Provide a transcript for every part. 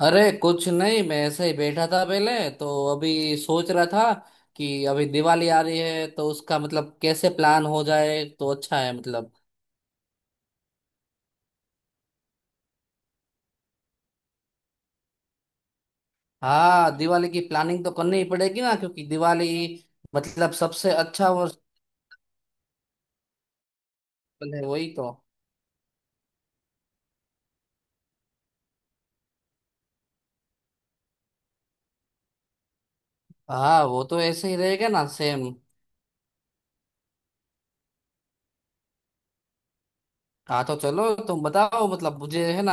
अरे कुछ नहीं, मैं ऐसे ही बैठा था पहले। तो अभी सोच रहा था कि अभी दिवाली आ रही है तो उसका मतलब कैसे प्लान हो जाए तो अच्छा है मतलब। हाँ, दिवाली की प्लानिंग तो करनी ही पड़ेगी ना, क्योंकि दिवाली मतलब सबसे अच्छा और। है वही तो। हाँ, वो तो ऐसे ही रहेगा ना, सेम। हाँ तो चलो तुम बताओ, मतलब मुझे है ना,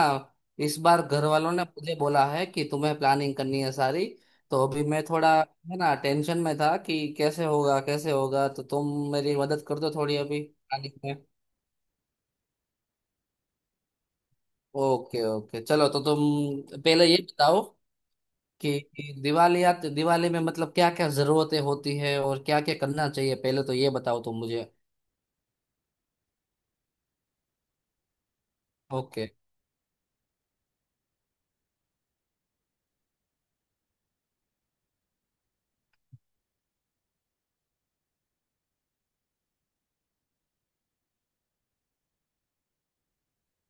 इस बार घर वालों ने मुझे बोला है कि तुम्हें प्लानिंग करनी है सारी। तो अभी मैं थोड़ा है ना टेंशन में था कि कैसे होगा कैसे होगा, तो तुम मेरी मदद कर दो थोड़ी अभी प्लानिंग में। ओके ओके, चलो तो तुम पहले ये बताओ कि दिवाली या दिवाली में मतलब क्या क्या जरूरतें होती है और क्या क्या करना चाहिए, पहले तो ये बताओ तुम मुझे। ओके।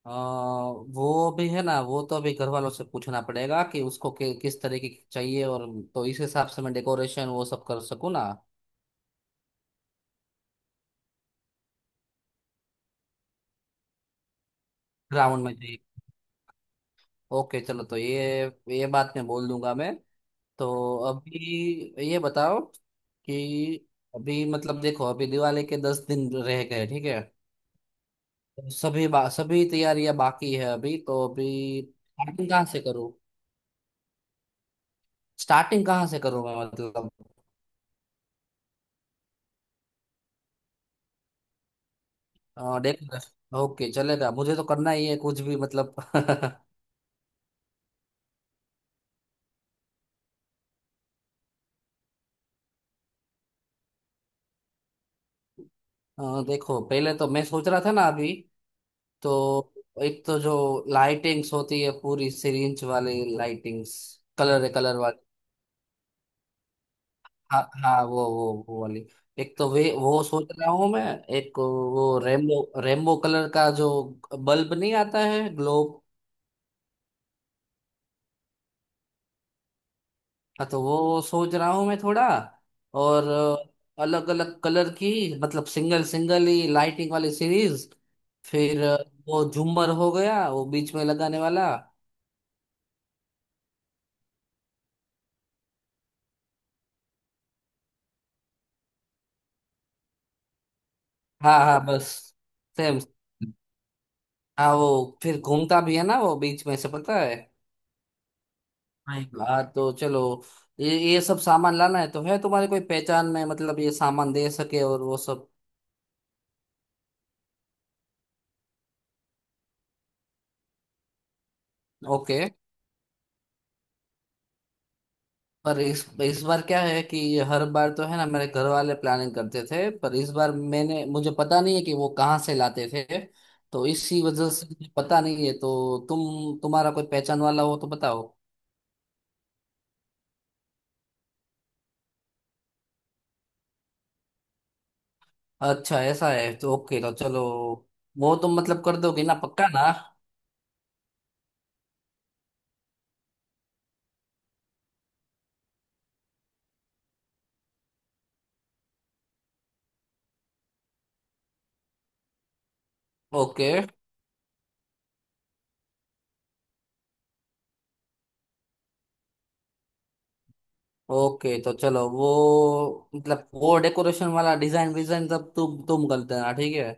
वो भी है ना, वो तो अभी घर वालों से पूछना पड़ेगा कि उसको किस तरीके की चाहिए, और तो इस हिसाब से मैं डेकोरेशन वो सब कर सकूँ ना। ग्राउंड में चाहिए। ओके चलो तो ये बात मैं बोल दूंगा मैं। तो अभी ये बताओ कि अभी मतलब देखो अभी दिवाली के 10 दिन रह गए, ठीक है। तो सभी तैयारियां बाकी है अभी, तो अभी स्टार्टिंग कहाँ से करूँ। स्टार्टिंग कहाँ से करूँ मैं, मतलब। हाँ देखना। ओके चलेगा, मुझे तो करना ही है कुछ भी मतलब। हाँ, देखो पहले तो मैं सोच रहा था ना अभी। तो एक तो जो लाइटिंग्स होती है, पूरी सिरिंज वाली लाइटिंग्स, कलर कलर वाली। हाँ हाँ, वो वाली। एक तो वे वो सोच रहा हूँ मैं। एक वो रेमबो रेमबो कलर का जो बल्ब नहीं आता है, ग्लोब। हाँ तो वो सोच रहा हूँ मैं थोड़ा। और अलग अलग कलर की, मतलब सिंगल सिंगल ही लाइटिंग वाली सीरीज। फिर वो झूमर हो गया, वो बीच में लगाने वाला। हाँ हाँ बस, सेम। हाँ, वो फिर घूमता भी है ना वो बीच में से, पता है। हाँ। हाँ तो चलो, ये सब सामान लाना है, तो है तुम्हारे कोई पहचान में, मतलब ये सामान दे सके और वो सब। ओके। पर इस बार क्या है कि हर बार तो है ना मेरे घर वाले प्लानिंग करते थे, पर इस बार मैंने मुझे पता नहीं है कि वो कहाँ से लाते थे। तो इसी वजह से मुझे पता नहीं है, तो तुम तुम्हारा कोई पहचान वाला हो तो बताओ। अच्छा ऐसा है, तो ओके तो चलो। वो तुम मतलब कर दोगे ना पक्का ना। ओके ओके तो चलो, वो मतलब वो डेकोरेशन वाला डिजाइन विजाइन सब तुम कर देना, ठीक है।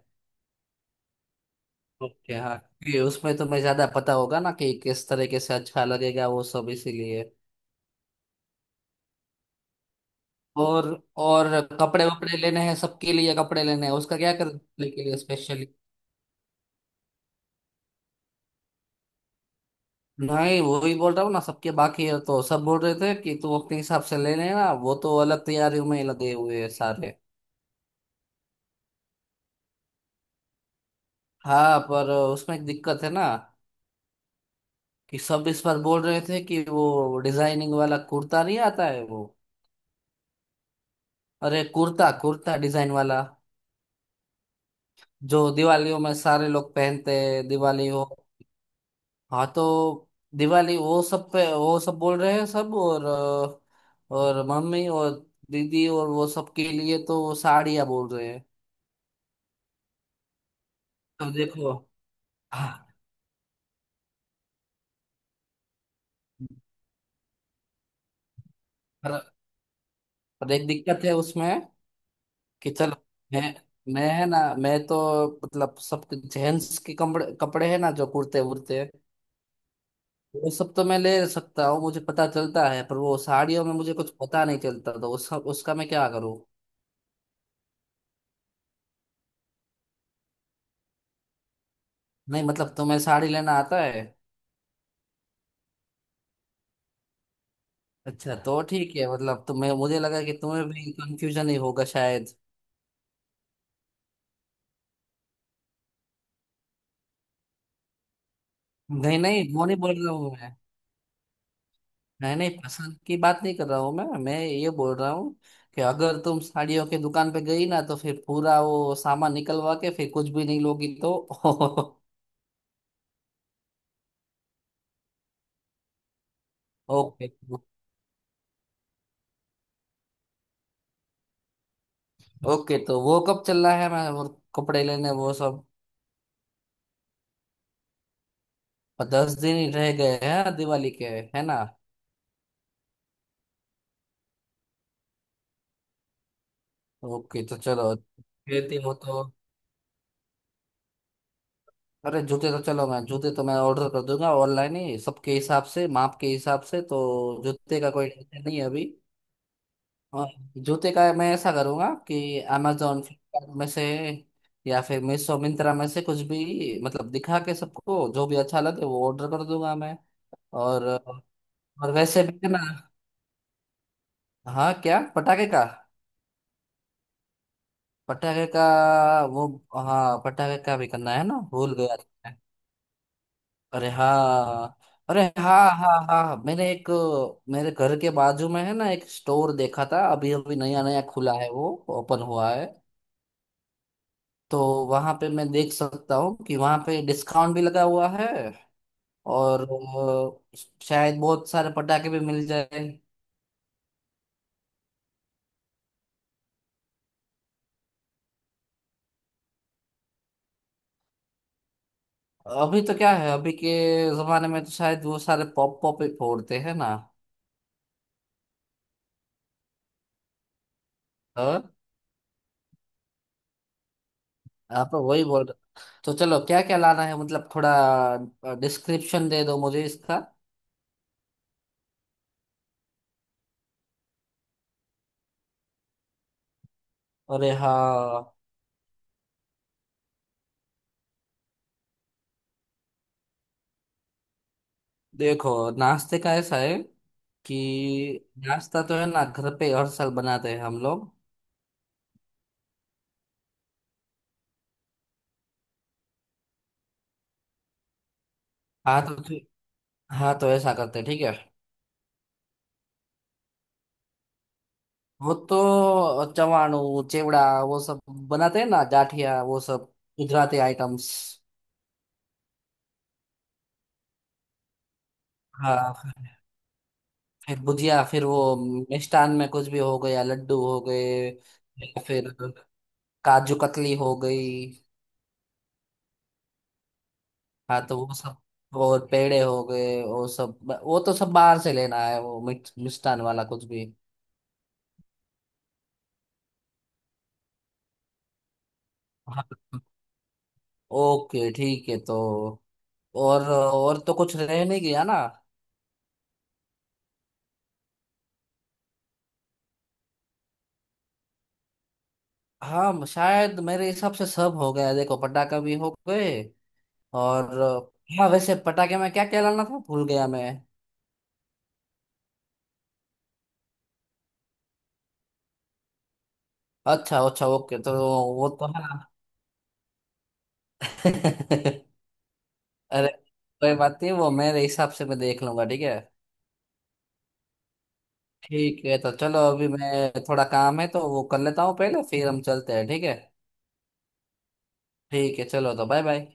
ओके हाँ, क्योंकि उसमें तुम्हें ज्यादा पता होगा ना कि किस तरीके से अच्छा लगेगा वो सब, इसीलिए। और और कपड़े वपड़े लेने हैं, सबके लिए कपड़े लेने हैं, उसका क्या कर, कपड़े के लिए स्पेशली। नहीं, वो ही बोल रहा हूँ ना, सबके बाकी है तो सब बोल रहे थे कि तू अपने हिसाब से ले लेना, वो तो अलग तैयारियों में लगे हुए हैं सारे। हाँ पर उसमें एक दिक्कत है ना। कि सब इस बार बोल रहे थे कि वो डिजाइनिंग वाला कुर्ता नहीं आता है वो। अरे कुर्ता, डिजाइन वाला जो दिवालियों में सारे लोग पहनते हैं, दिवाली हो। हाँ तो दिवाली वो सब पे वो सब बोल रहे हैं सब, और और मम्मी और दीदी और वो सब के लिए तो वो साड़ियाँ बोल रहे हैं। तो देखो। हाँ पर, पर एक दिक्कत है उसमें। कि चलो, मैं है ना, मैं तो मतलब सब जेंट्स के कपड़े कपड़े है ना, जो कुर्ते वुर्ते वो सब तो मैं ले सकता हूँ, मुझे पता चलता है, पर वो साड़ियों में मुझे कुछ पता नहीं चलता, तो उसका मैं क्या करूँ। नहीं मतलब तुम्हें साड़ी लेना आता है। अच्छा तो ठीक है, मतलब तुम्हें, मुझे लगा कि तुम्हें भी कंफ्यूजन ही होगा शायद। नहीं नहीं, वो नहीं बोल रहा हूँ मैं। नहीं नहीं, पसंद की बात नहीं कर रहा हूँ मैं, ये बोल रहा हूँ कि अगर तुम साड़ियों की दुकान पे गई ना तो फिर पूरा वो सामान निकलवा के फिर कुछ भी नहीं लोगी तो। ओके। ओके तो वो कब चलना है, मैं वो कपड़े लेने वो सब। 10 दिन ही रह गए हैं दिवाली के, है ना। ओके तो चलो। फिर हो तो। अरे जूते तो चलो, मैं जूते तो मैं ऑर्डर कर दूंगा, ऑनलाइन ही सबके हिसाब से माप के हिसाब से, तो जूते का कोई टेंशन नहीं है अभी। और जूते का मैं ऐसा करूंगा कि अमेजोन फ्लिपकार्ट में से या फिर मीशो मिंत्रा में से कुछ भी मतलब दिखा के सबको जो भी अच्छा लगे वो ऑर्डर कर दूंगा मैं। और और वैसे भी ना। हाँ क्या, पटाखे का। पटाखे का, वो। हाँ पटाखे का भी करना है ना, भूल गया। अरे हाँ। अरे हाँ हाँ हाँ, मैंने एक, मेरे घर के बाजू में है ना एक स्टोर देखा था, अभी अभी नया नया खुला है वो, ओपन हुआ है। तो वहां पे मैं देख सकता हूँ कि वहां पे डिस्काउंट भी लगा हुआ है, और अ, शायद बहुत सारे पटाखे भी मिल जाए। अभी तो क्या है, अभी के जमाने में तो शायद वो सारे पॉप पॉप ही फोड़ते हैं ना। हाँ। आप तो वही बोल रहे। तो चलो, क्या क्या लाना है, मतलब थोड़ा डिस्क्रिप्शन दे दो मुझे इसका। अरे हाँ। देखो नाश्ते का ऐसा है कि नाश्ता तो है ना घर पे हर साल बनाते हैं हम लोग। हाँ तो हाँ तो ऐसा करते हैं, ठीक है। वो तो चवाणू चिवड़ा वो सब बनाते हैं ना, जाठिया वो सब, गुजराती आइटम्स। हाँ फिर, भुजिया, फिर वो मिष्ठान में कुछ भी हो गया, लड्डू हो गए या फिर काजू कतली हो गई। हाँ तो वो सब, और पेड़े हो गए वो सब, वो तो सब बाहर से लेना है, वो मिष्ठान वाला कुछ भी। हाँ ओके ठीक है तो। और तो कुछ रह नहीं गया ना। हाँ शायद मेरे हिसाब से सब हो गया, देखो पटाखा भी हो गए, और हाँ वैसे पटाखे में क्या क्या लाना था, भूल गया मैं। अच्छा अच्छा ओके, तो वो तो है ना। अरे कोई बात नहीं, वो मेरे हिसाब से मैं देख लूंगा, ठीक है। ठीक है, तो चलो अभी मैं, थोड़ा काम है तो वो कर लेता हूँ पहले, फिर हम चलते हैं, ठीक है। ठीक है, चलो तो बाय बाय।